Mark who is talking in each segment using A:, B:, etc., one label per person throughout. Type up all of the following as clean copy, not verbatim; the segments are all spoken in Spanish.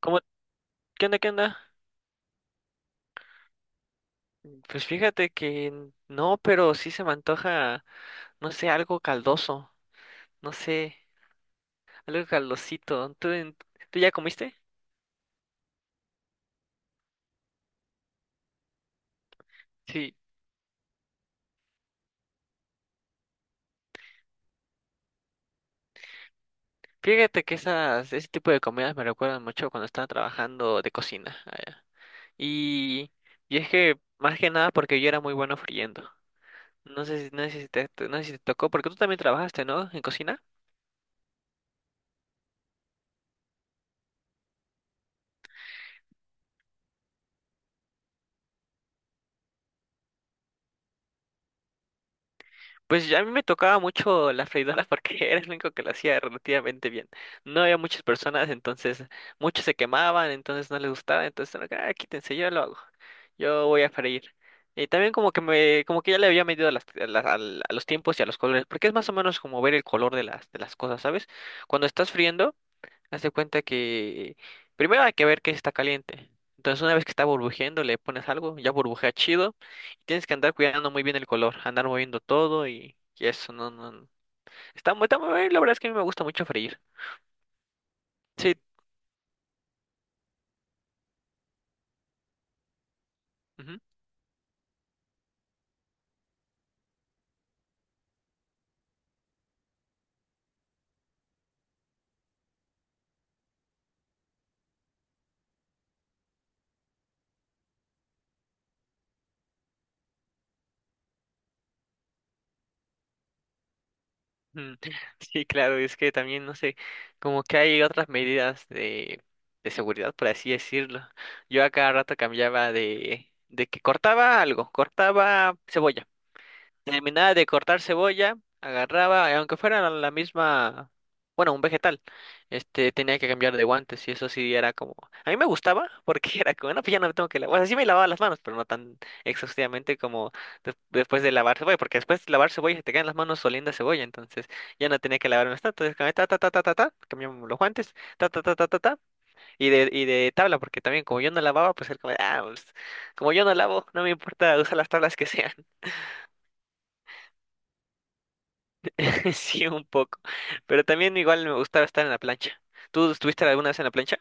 A: ¿Cómo? ¿Qué onda? ¿Qué onda? Pues fíjate que no, pero sí se me antoja, no sé, algo caldoso, no sé, algo caldosito. ¿Tú ya comiste? Sí. Fíjate que esas, ese tipo de comidas me recuerdan mucho cuando estaba trabajando de cocina allá. Y, y es que, más que nada, porque yo era muy bueno friendo. No sé si, no sé si te, no sé si te tocó, porque tú también trabajaste, ¿no? En cocina. Pues ya a mí me tocaba mucho la freidora porque era el único que la hacía relativamente bien. No había muchas personas, entonces muchos se quemaban, entonces no les gustaba, entonces era que, ah, quítense, yo lo hago. Yo voy a freír. Y también como que me, como que ya le había medido a los tiempos y a los colores, porque es más o menos como ver el color de las cosas, ¿sabes? Cuando estás friendo. Haz de cuenta que primero hay que ver que está caliente. Entonces, una vez que está burbujeando, le pones algo, ya burbujea chido. Y tienes que andar cuidando muy bien el color, andar moviendo todo y eso, no, no, no. Está muy bien, la verdad es que a mí me gusta mucho freír. Sí, ujú, mm. Sí, claro, es que también, no sé, como que hay otras medidas de seguridad, por así decirlo. Yo a cada rato cambiaba de que cortaba algo, cortaba cebolla. Terminaba de cortar cebolla, agarraba, aunque fuera la misma, bueno, un vegetal, este, tenía que cambiar de guantes, y eso sí era como, a mí me gustaba porque era como, no, pues ya no me tengo que lavar, o sea, sí me lavaba las manos, pero no tan exhaustivamente como después de lavar cebolla, porque después de lavar cebolla se te quedan las manos oliendo a cebolla, entonces ya no tenía que lavarme tanto, entonces cambié, ta, ta, ta, ta, ta, ta, cambiamos los guantes, ta, ta, ta, ta, ta, ta, y de tabla, porque también como yo no lavaba, pues era como, ah, pues, como yo no lavo, no me importa usar las tablas que sean. Sí, un poco. Pero también igual me gustaba estar en la plancha. ¿Tú estuviste alguna vez en la plancha?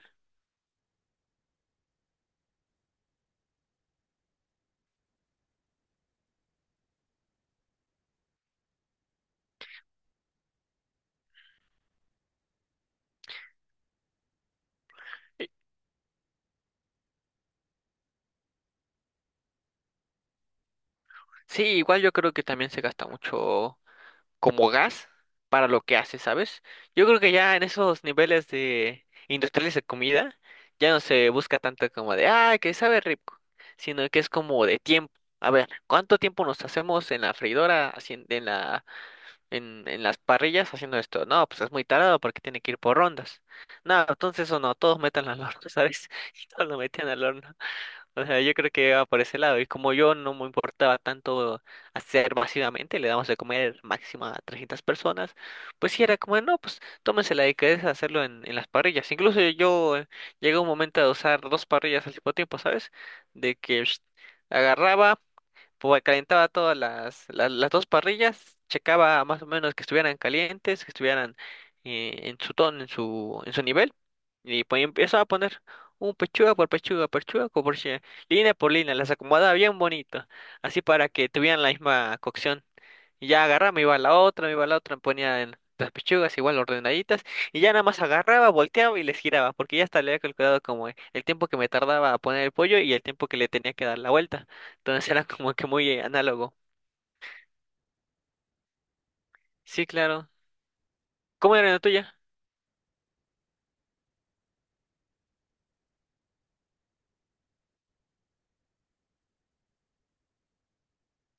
A: Eh, Sí, igual yo creo que también se gasta mucho como gas para lo que hace, ¿sabes? Yo creo que ya en esos niveles de industriales de comida ya no se busca tanto como de, ah, que sabe rico, sino que es como de tiempo. A ver, ¿cuánto tiempo nos hacemos en la freidora, haciendo, en las parrillas haciendo esto? No, pues es muy tarado porque tiene que ir por rondas. No, entonces o no, todos metan al horno, ¿sabes? Y todos lo metían al horno. O sea, yo creo que iba por ese lado. Y como yo no me importaba tanto hacer masivamente, le damos de comer máximo a 300 personas, pues sí era como, no, pues tómense la delicadeza de hacerlo en las parrillas. Incluso yo llegué a un momento de usar dos parrillas al mismo tiempo, ¿sabes? De que… Agarraba, pues calentaba todas las dos parrillas, checaba más o menos que estuvieran calientes, que estuvieran en su tono, en su nivel, y pues empezaba a poner un pechuga por pechuga, línea por línea, las acomodaba bien bonito, así para que tuvieran la misma cocción. Y ya agarraba, me iba a la otra, me iba a la otra, me ponía en las pechugas igual ordenaditas, y ya nada más agarraba, volteaba y les giraba, porque ya hasta le había calculado como el tiempo que me tardaba a poner el pollo y el tiempo que le tenía que dar la vuelta. Entonces era como que muy análogo. Sí, claro. ¿Cómo era la tuya?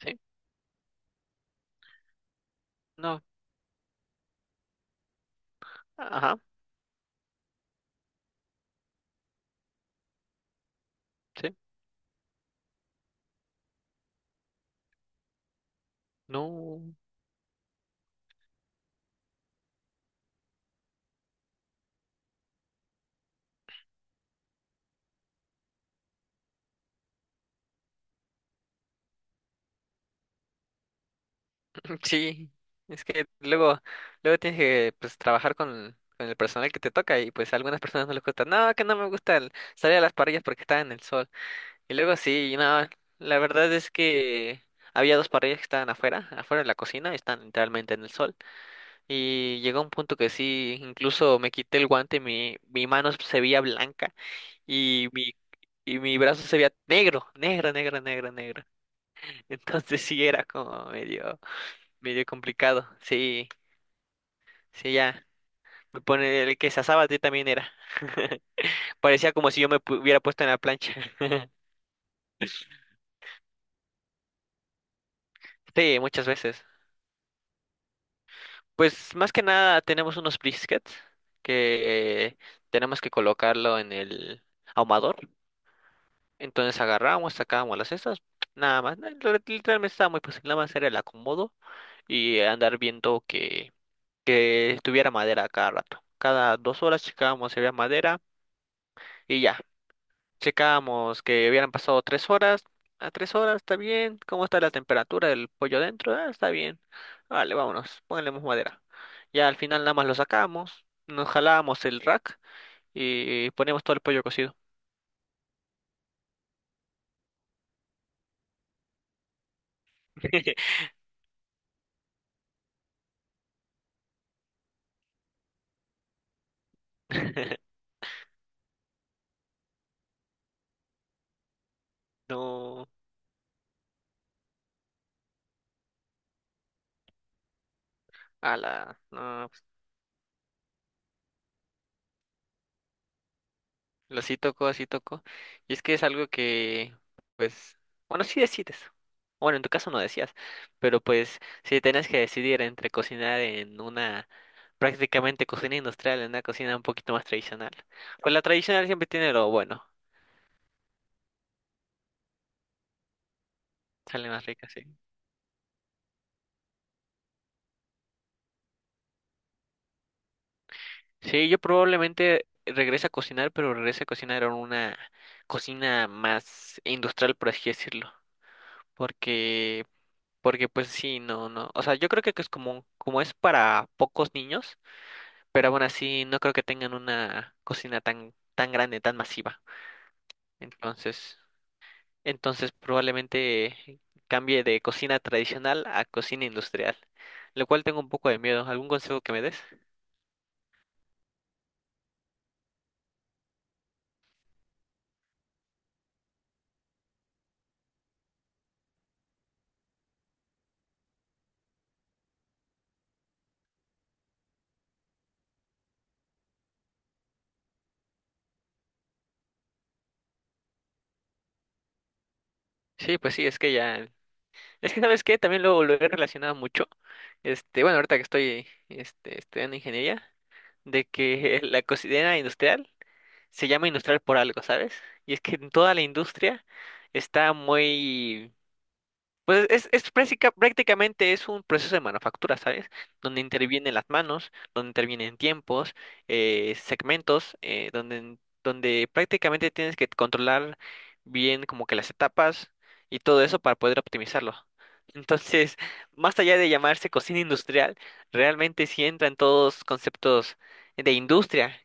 A: Sí, no, ajá, sí, no, sí. Es que luego, luego tienes que pues trabajar con el personal que te toca, y pues a algunas personas no les gusta. No, que no me gusta salir a las parrillas porque está en el sol. Y luego sí, no, la verdad es que había dos parrillas que estaban afuera, afuera de la cocina, están literalmente en el sol. Y llegó un punto que sí, incluso me quité el guante, y mi mano se veía blanca, y mi brazo se veía negro, negro, negro, negro, negro. Entonces sí era como medio, medio complicado. Sí, sí, ya. Me pone el que se asaba ti también era. Parecía como si yo me hubiera puesto en la plancha. Sí, muchas veces. Pues más que nada tenemos unos briskets que tenemos que colocarlo en el ahumador. Entonces agarramos, sacábamos las cestas, nada más. Literalmente estaba muy fácil, nada más era el acomodo y andar viendo que, tuviera madera a cada rato. Cada dos horas checábamos si había madera y ya. Checamos que hubieran pasado tres horas. A tres horas está bien. ¿Cómo está la temperatura del pollo dentro? Ah, está bien. Vale, vámonos. Pónganle más madera. Ya al final nada más lo sacamos. Nos jalamos el rack y ponemos todo el pollo cocido. No, a la no, pues, lo sí tocó, así tocó. Y es que es algo que, pues, bueno, sí decides. Bueno, en tu caso no decías, pero pues, si tenías que decidir entre cocinar en una prácticamente cocina industrial, en una cocina un poquito más tradicional. Pues la tradicional siempre tiene lo bueno, sale más rica, sí. Sí, yo probablemente regrese a cocinar, pero regrese a cocinar en una cocina más industrial, por así decirlo, porque pues sí, no, no, o sea, yo creo que es como es para pocos niños, pero aún así no creo que tengan una cocina tan tan grande, tan masiva. Entonces, probablemente cambie de cocina tradicional a cocina industrial, lo cual tengo un poco de miedo. ¿Algún consejo que me des? Sí, pues sí, es que ya… Es que, ¿sabes qué? También lo he relacionado mucho. Este, bueno, ahorita que estoy este, estudiando ingeniería, de que la cocina industrial se llama industrial por algo, ¿sabes? Y es que en toda la industria está muy… Pues es, es prácticamente es un proceso de manufactura, ¿sabes? Donde intervienen las manos, donde intervienen tiempos, segmentos, donde, prácticamente tienes que controlar bien como que las etapas y todo eso para poder optimizarlo. Entonces, más allá de llamarse cocina industrial, realmente sí entran todos conceptos de industria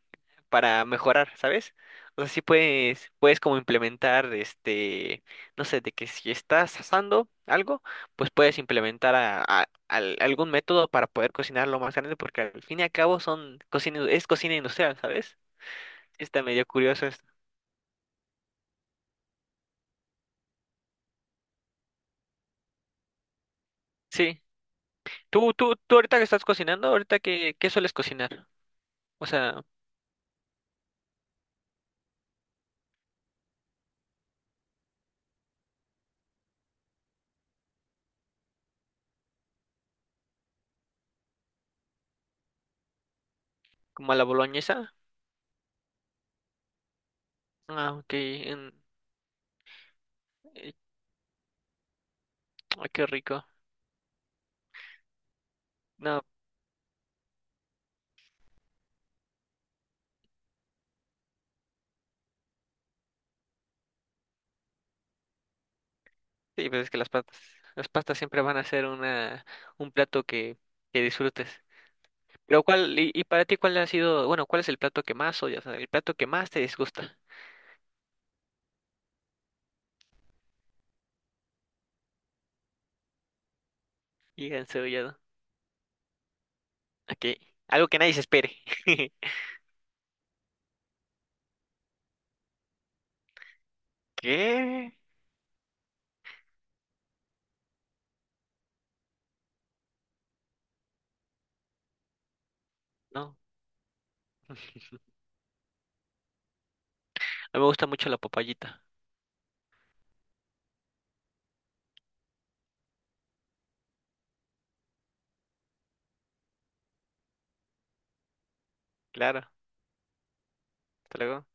A: para mejorar, ¿sabes? O sea, sí puedes como implementar este, no sé, de que si estás asando algo, pues puedes implementar algún método para poder cocinarlo más grande, porque al fin y al cabo son cocina, es cocina industrial, ¿sabes? Sí. Está medio curioso esto. Sí. ¿Tú ahorita que estás cocinando, ahorita qué sueles cocinar? O sea, como a la boloñesa. Ah, ok. Eh, ay, qué rico. No, sí, pues es que las pastas siempre van a ser una, un plato que disfrutes. Pero cuál, y para ti, ¿cuál ha sido, bueno, cuál es el plato que más odias, el plato que más te disgusta? Y encebollado. Aquí, algo que nadie se espere. ¿Qué? No, a mí me gusta mucho la papayita. Claro, hasta luego.